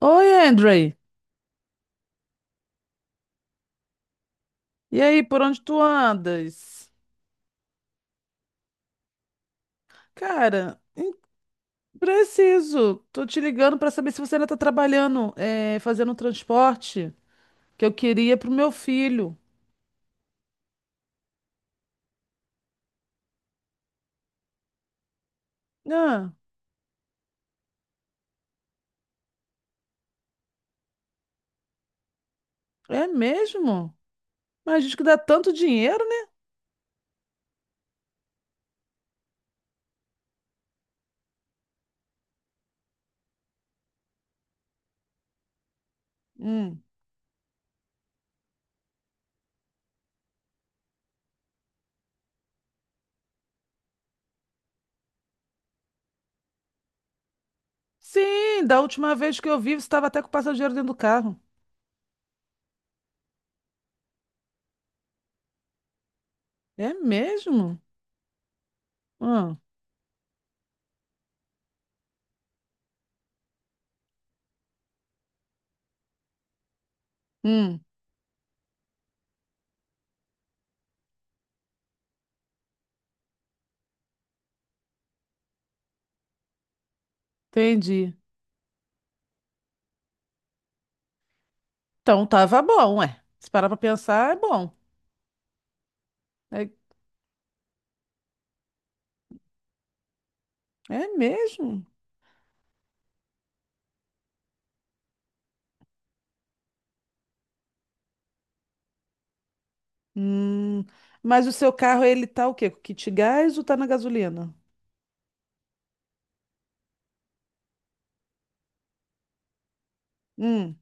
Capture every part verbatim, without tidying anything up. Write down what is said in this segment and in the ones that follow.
Oi, Andrei. E aí, por onde tu andas? Cara, preciso. Tô te ligando pra saber se você ainda tá trabalhando, é, fazendo um transporte que eu queria pro meu filho. Ah, é mesmo? Mas diz que dá tanto dinheiro, né? Hum. Sim, da última vez que eu vi, você estava até com o passageiro dentro do carro. É mesmo? Ah, hum, entendi. Então tava bom, ué. Se parar pra pensar, é bom. É, é mesmo? Hum, mas o seu carro, ele tá o quê? Com kit gás ou tá na gasolina? Hum.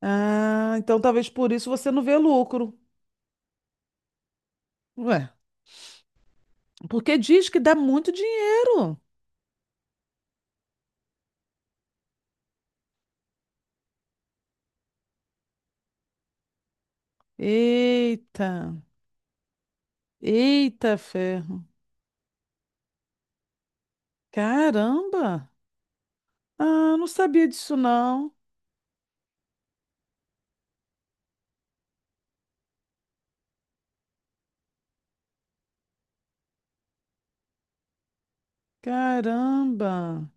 Ah, então talvez por isso você não vê lucro. Ué, porque diz que dá muito dinheiro. Eita, eita ferro. Caramba. Ah, não sabia disso não. Caramba.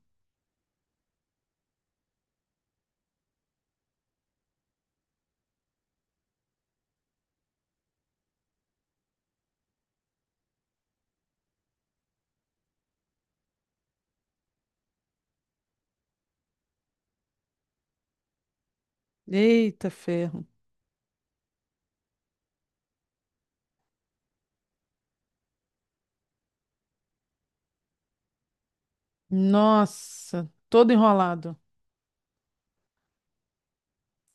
Eita ferro. Nossa, todo enrolado.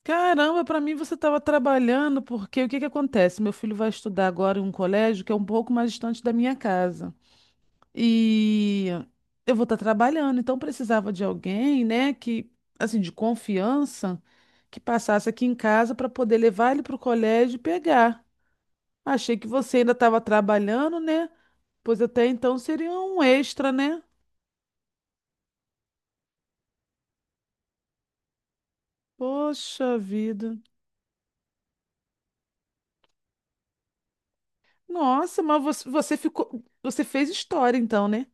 Caramba, para mim você estava trabalhando, porque o que que acontece? Meu filho vai estudar agora em um colégio que é um pouco mais distante da minha casa. E eu vou estar trabalhando, então precisava de alguém, né, que assim, de confiança, que passasse aqui em casa para poder levar ele para o colégio e pegar. Achei que você ainda estava trabalhando, né? Pois até então seria um extra, né? Poxa vida. Nossa, mas você, você ficou, você fez história então, né?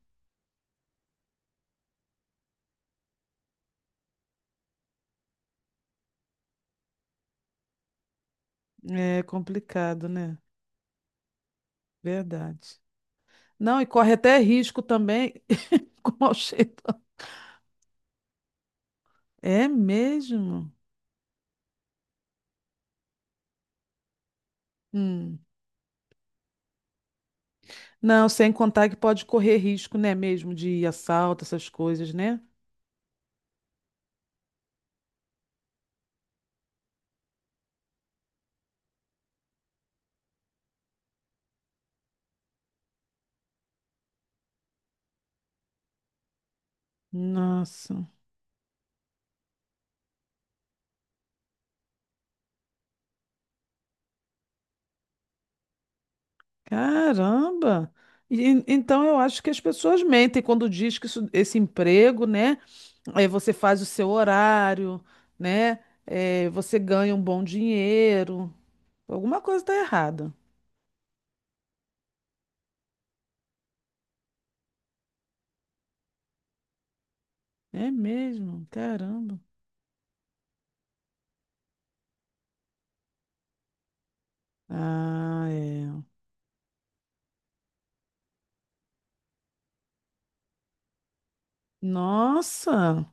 É complicado, né? Verdade. Não, e corre até risco também com mau cheiro. É mesmo? Hum. Não, sem contar que pode correr risco, né, mesmo de assalto, essas coisas, né? Nossa, caramba! E- e- então eu acho que as pessoas mentem quando diz que isso- esse emprego, né? Aí você faz o seu horário, né? É, você ganha um bom dinheiro. Alguma coisa está errada. É mesmo, caramba. Ah, é. Nossa,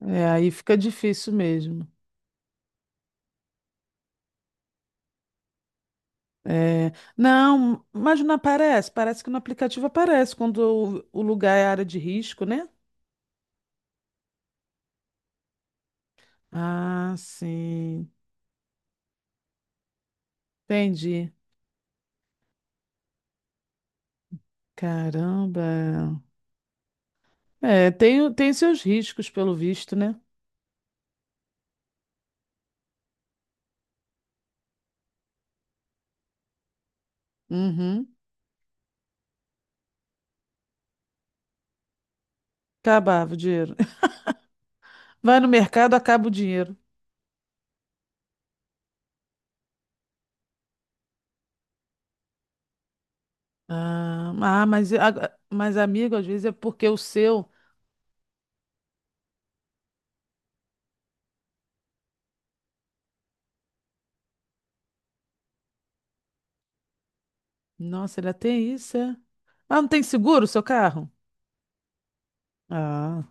é, aí fica difícil mesmo. É, não, mas não aparece. Parece que no aplicativo aparece quando o, o lugar é área de risco, né? Ah, sim. Entendi. Caramba. É, tem, o- tem seus riscos, pelo visto, né? Uhum. Acabava o dinheiro. Vai no mercado, acaba o dinheiro. Ah, ah, mas, ag- mas, amigo, às vezes é porque o seu. Nossa, ele tem isso, é? Ah, não tem seguro o seu carro? Ah,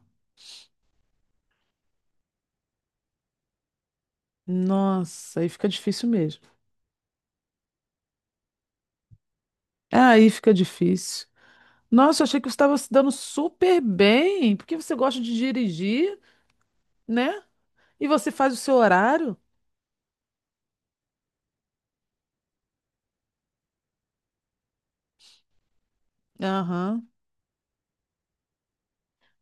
nossa, aí fica difícil mesmo. Aí fica difícil. Nossa, eu achei que você estava se dando super bem, porque você gosta de dirigir, né? E você faz o seu horário? Aham.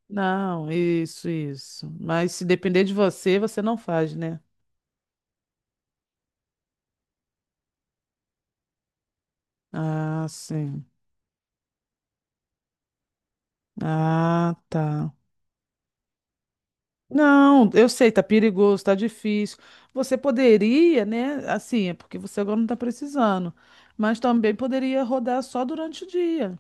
Não, isso, isso. Mas se depender de você, você não faz, né? Ah, sim. Ah, tá. Não, eu sei, tá perigoso, tá difícil. Você poderia, né? Assim, é porque você agora não tá precisando, mas também poderia rodar só durante o dia.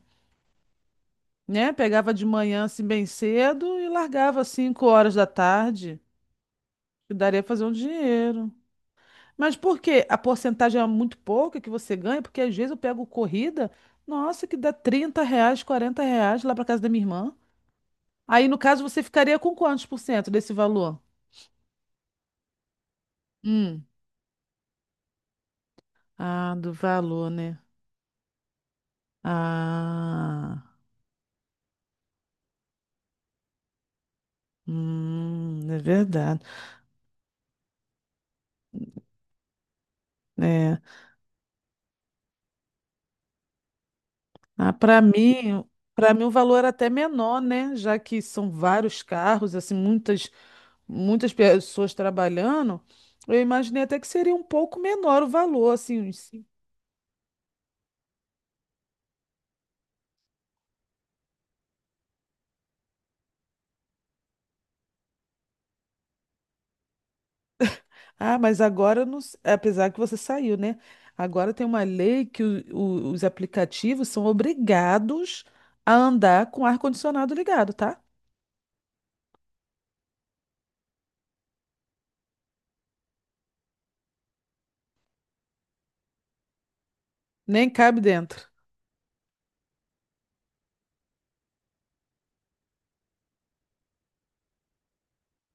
Né? Pegava de manhã assim bem cedo e largava às cinco horas da tarde. E daria pra fazer um dinheiro. Mas por quê? A porcentagem é muito pouca que você ganha, porque às vezes eu pego corrida, nossa, que dá trinta reais, quarenta reais lá pra casa da minha irmã. Aí, no caso, você ficaria com quantos por cento desse valor? Hum. Ah, do valor, né? Ah, hum, é verdade. É. Ah, para mim, para mim o valor era até menor, né? Já que são vários carros, assim, muitas muitas pessoas trabalhando, eu imaginei até que seria um pouco menor o valor, assim. uns cin- Ah, mas agora, não s- apesar que você saiu, né? Agora tem uma lei que o- o- os aplicativos são obrigados a andar com o ar-condicionado ligado, tá? Nem cabe dentro.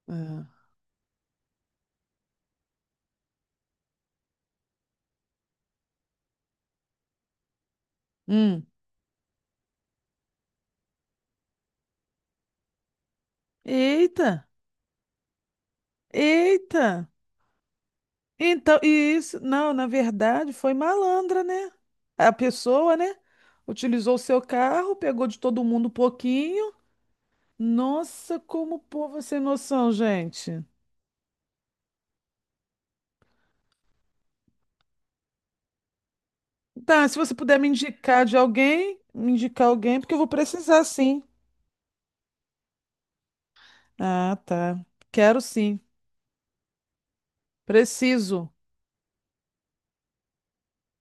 Ah. Hum. Eita! Eita! Então, e isso, não, na verdade, foi malandra, né? A pessoa, né? Utilizou o seu carro, pegou de todo mundo um pouquinho. Nossa, como o povo é sem noção, gente. Tá, se você puder me indicar de alguém, me indicar alguém, porque eu vou precisar sim. Ah, tá. Quero sim. Preciso.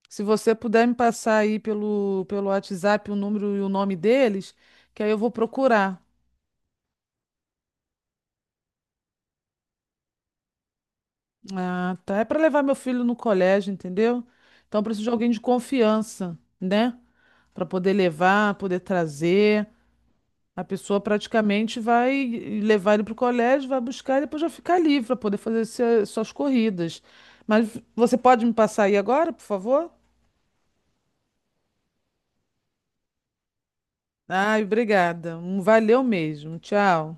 Se você puder me passar aí pelo, pelo WhatsApp o número e o nome deles, que aí eu vou procurar. Ah, tá. É para levar meu filho no colégio, entendeu? Então eu preciso de alguém de confiança, né? Para poder levar, poder trazer. A pessoa praticamente vai levar ele para o colégio, vai buscar e depois vai ficar livre para poder fazer se- suas corridas. Mas você pode me passar aí agora, por favor? Ai, obrigada. Um Valeu mesmo. Tchau.